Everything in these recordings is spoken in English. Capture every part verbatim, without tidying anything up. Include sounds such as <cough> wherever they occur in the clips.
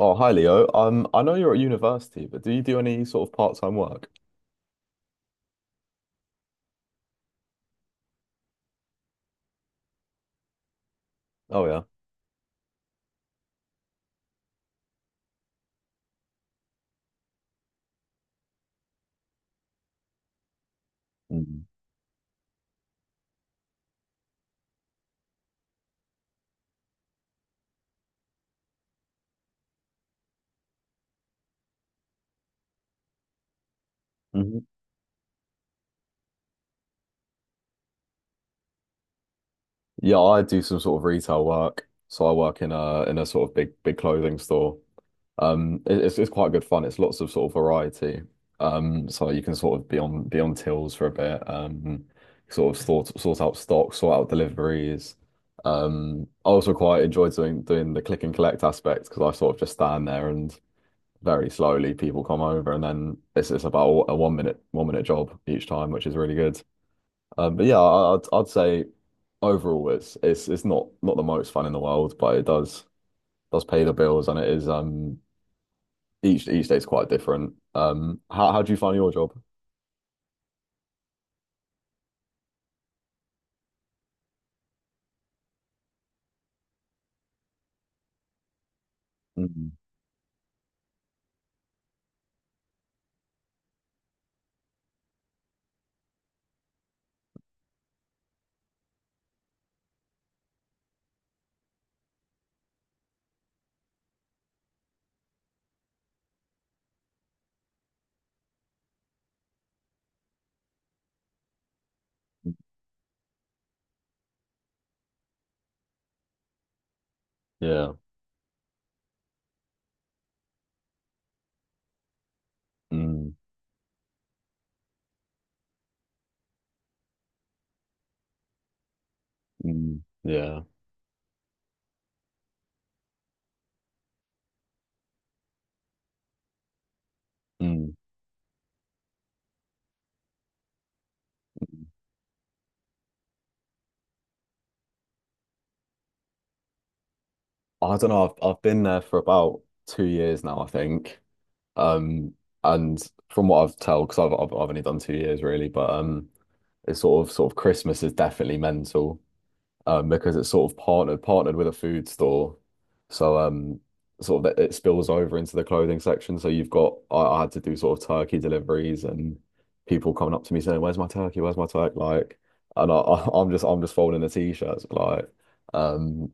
Oh, hi Leo. Um, I know you're at university, but do you do any sort of part-time work? Oh yeah. Mm. Mhm. Yeah, I do some sort of retail work. So I work in a in a sort of big big clothing store. Um, it- it's it's quite good fun. It's lots of sort of variety. Um, so you can sort of be on be on tills for a bit. Um, sort of sort sort out stock, sort out deliveries. Um, I also quite enjoy doing doing the click and collect aspect because I sort of just stand there and very slowly people come over and then it's it's about a one minute one minute job each time, which is really good. Um but yeah, I- I'd I'd say overall it's it's it's not not the most fun in the world, but it does does pay the bills, and it is um each each day's quite different. Um how how do you find your job? Mm, yeah. Mm, mm, yeah. Mm. Mm. I don't know, I've I've been there for about two years now, I think. um and from what I've tell, because I've, I've I've only done two years really, but um it's sort of sort of Christmas is definitely mental, um, because it's sort of partnered partnered with a food store, so um sort of that it spills over into the clothing section. So you've got I, I had to do sort of turkey deliveries and people coming up to me saying, "Where's my turkey? Where's my turkey?" Like, and I, <laughs> I I'm just I'm just folding the t-shirts like. Um,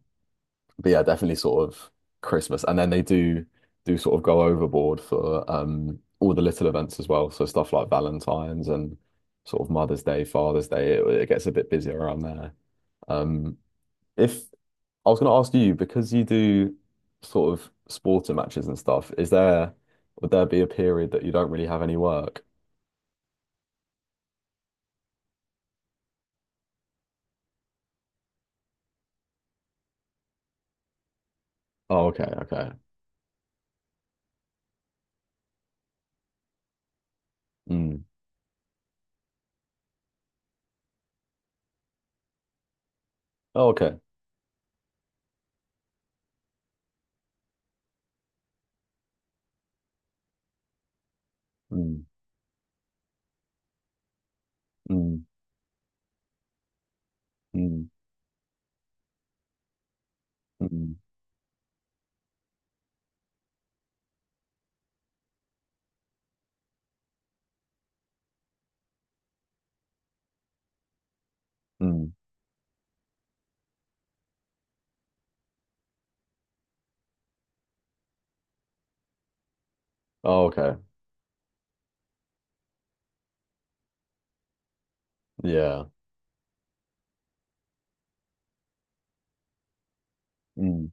but yeah, definitely sort of Christmas. And then they do do sort of go overboard for um all the little events as well. So stuff like Valentine's and sort of Mother's Day, Father's Day, it, it gets a bit busier around there. Um, if I was going to ask you, because you do sort of sporting matches and stuff, is there would there be a period that you don't really have any work? Oh, okay, okay. Mm. Oh, okay. Mm, mm, mm, mm, mm. Oh, okay. Yeah. Mm,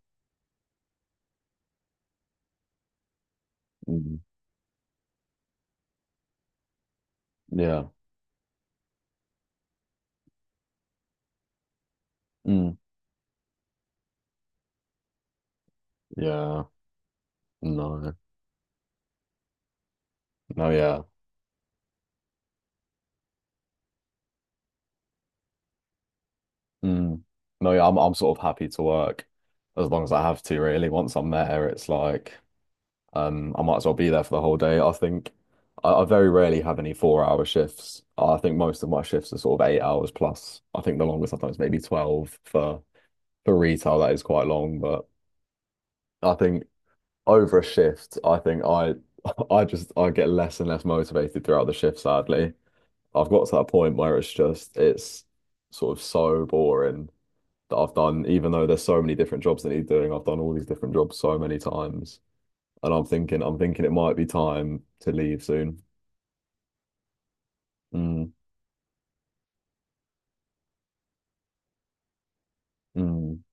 mm, yeah. Mm, yeah. No. No, yeah. Mm. No, yeah, I'm I'm sort of happy to work as long as I have to, really. Once I'm there, it's like um I might as well be there for the whole day. I think I, I very rarely have any four hour shifts. I think most of my shifts are sort of eight hours plus. I think the longest I've done is maybe twelve for for retail. That is quite long, but I think over a shift, I think I <laughs> I just I get less and less motivated throughout the shift, sadly. I've got to that point where it's just it's sort of so boring that I've done, even though there's so many different jobs that need doing, I've done all these different jobs so many times. And I'm thinking, I'm thinking it might be time to leave soon. Mm, mm,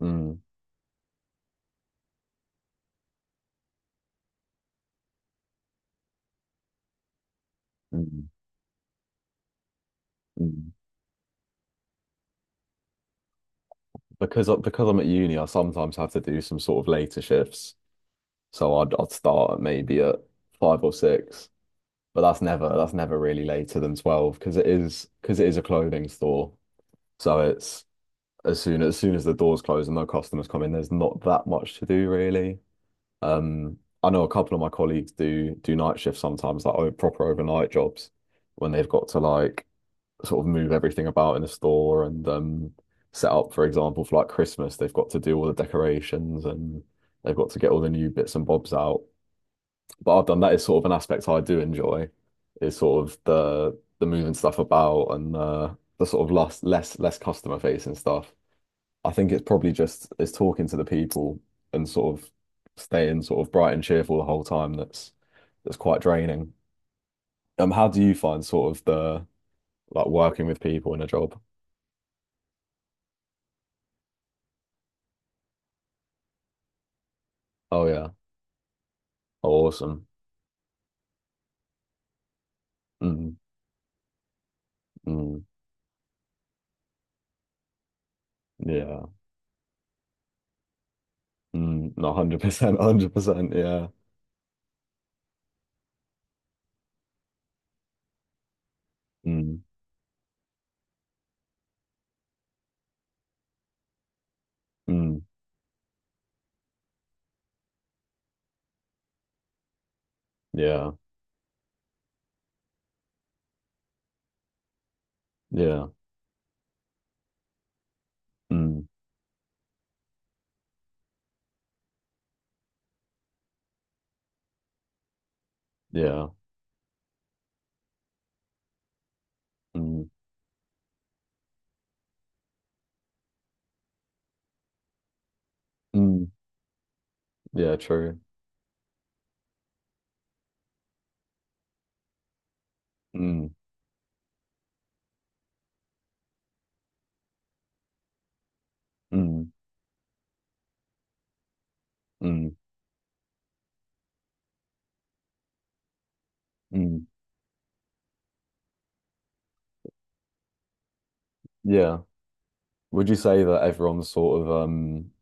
mm, mm, mm. Because I, because I'm at uni, I sometimes have to do some sort of later shifts. So I'd I'd start at maybe at five or six, but that's never that's never really later than twelve, because it is because it is a clothing store. So it's as soon as soon as the doors close and no customers come in, there's not that much to do really. Um, I know a couple of my colleagues do do night shifts sometimes, like o- proper overnight jobs when they've got to like sort of move everything about in the store, and um set up, for example, for like Christmas, they've got to do all the decorations, and they've got to get all the new bits and bobs out. But I've done that is sort of an aspect I do enjoy, is sort of the the moving stuff about, and uh, the sort of less less less customer facing stuff. I think it's probably just it's talking to the people and sort of staying sort of bright and cheerful the whole time, that's that's quite draining. Um, how do you find sort of the like working with people in a job? Oh yeah. Oh, awesome. Mm, mm, yeah. Mm, no, one hundred percent, one hundred percent, yeah. Mm, mm, yeah. Yeah. Mm, yeah. Mm, mm, yeah, true. Mm, mm, mm, mm, yeah. Would you say that everyone's sort of um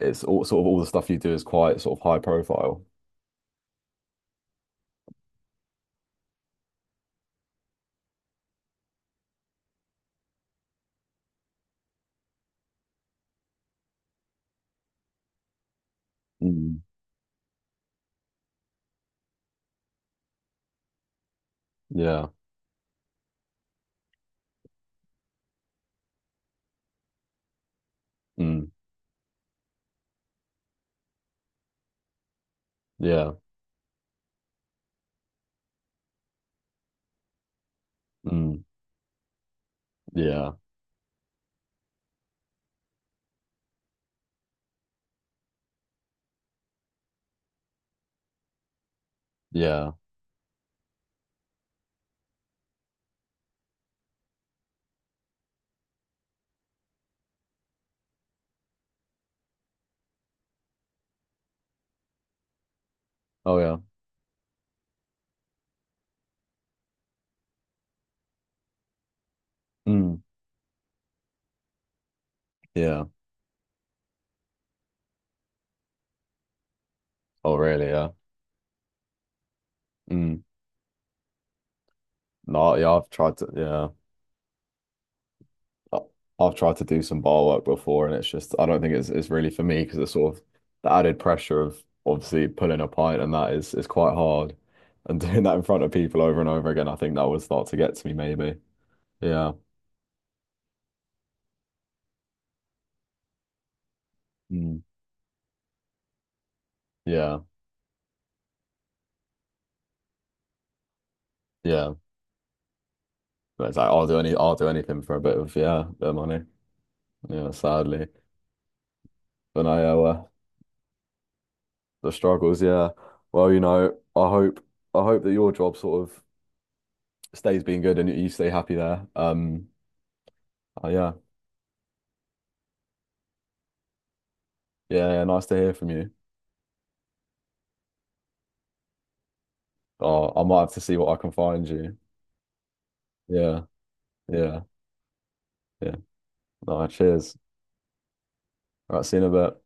it's all sort of all the stuff you do is quite sort of high profile. Mm, yeah. Mm, yeah. Mm, yeah. Yeah. Oh yeah. Mm, yeah. Oh really? Yeah. Mm. No, yeah, I've tried to, yeah, I- I've tried to do some bar work before, and it's just I don't think it's it's really for me, because it's sort of the added pressure of obviously pulling a pint and that is is quite hard, and <laughs> doing that in front of people over and over again, I think that would start to get to me maybe. Yeah, mm, yeah. Yeah. But it's like I'll do any I'll do anything for a bit of yeah, bit of money. Yeah, sadly. But no, yeah, well, the struggles, yeah. Well, you know, I hope I hope that your job sort of stays being good and you stay happy there. Um uh, yeah. Yeah, yeah, nice to hear from you. Oh, I might have to see what I can find you. Yeah, yeah, yeah. No, cheers. All right, see you in a bit.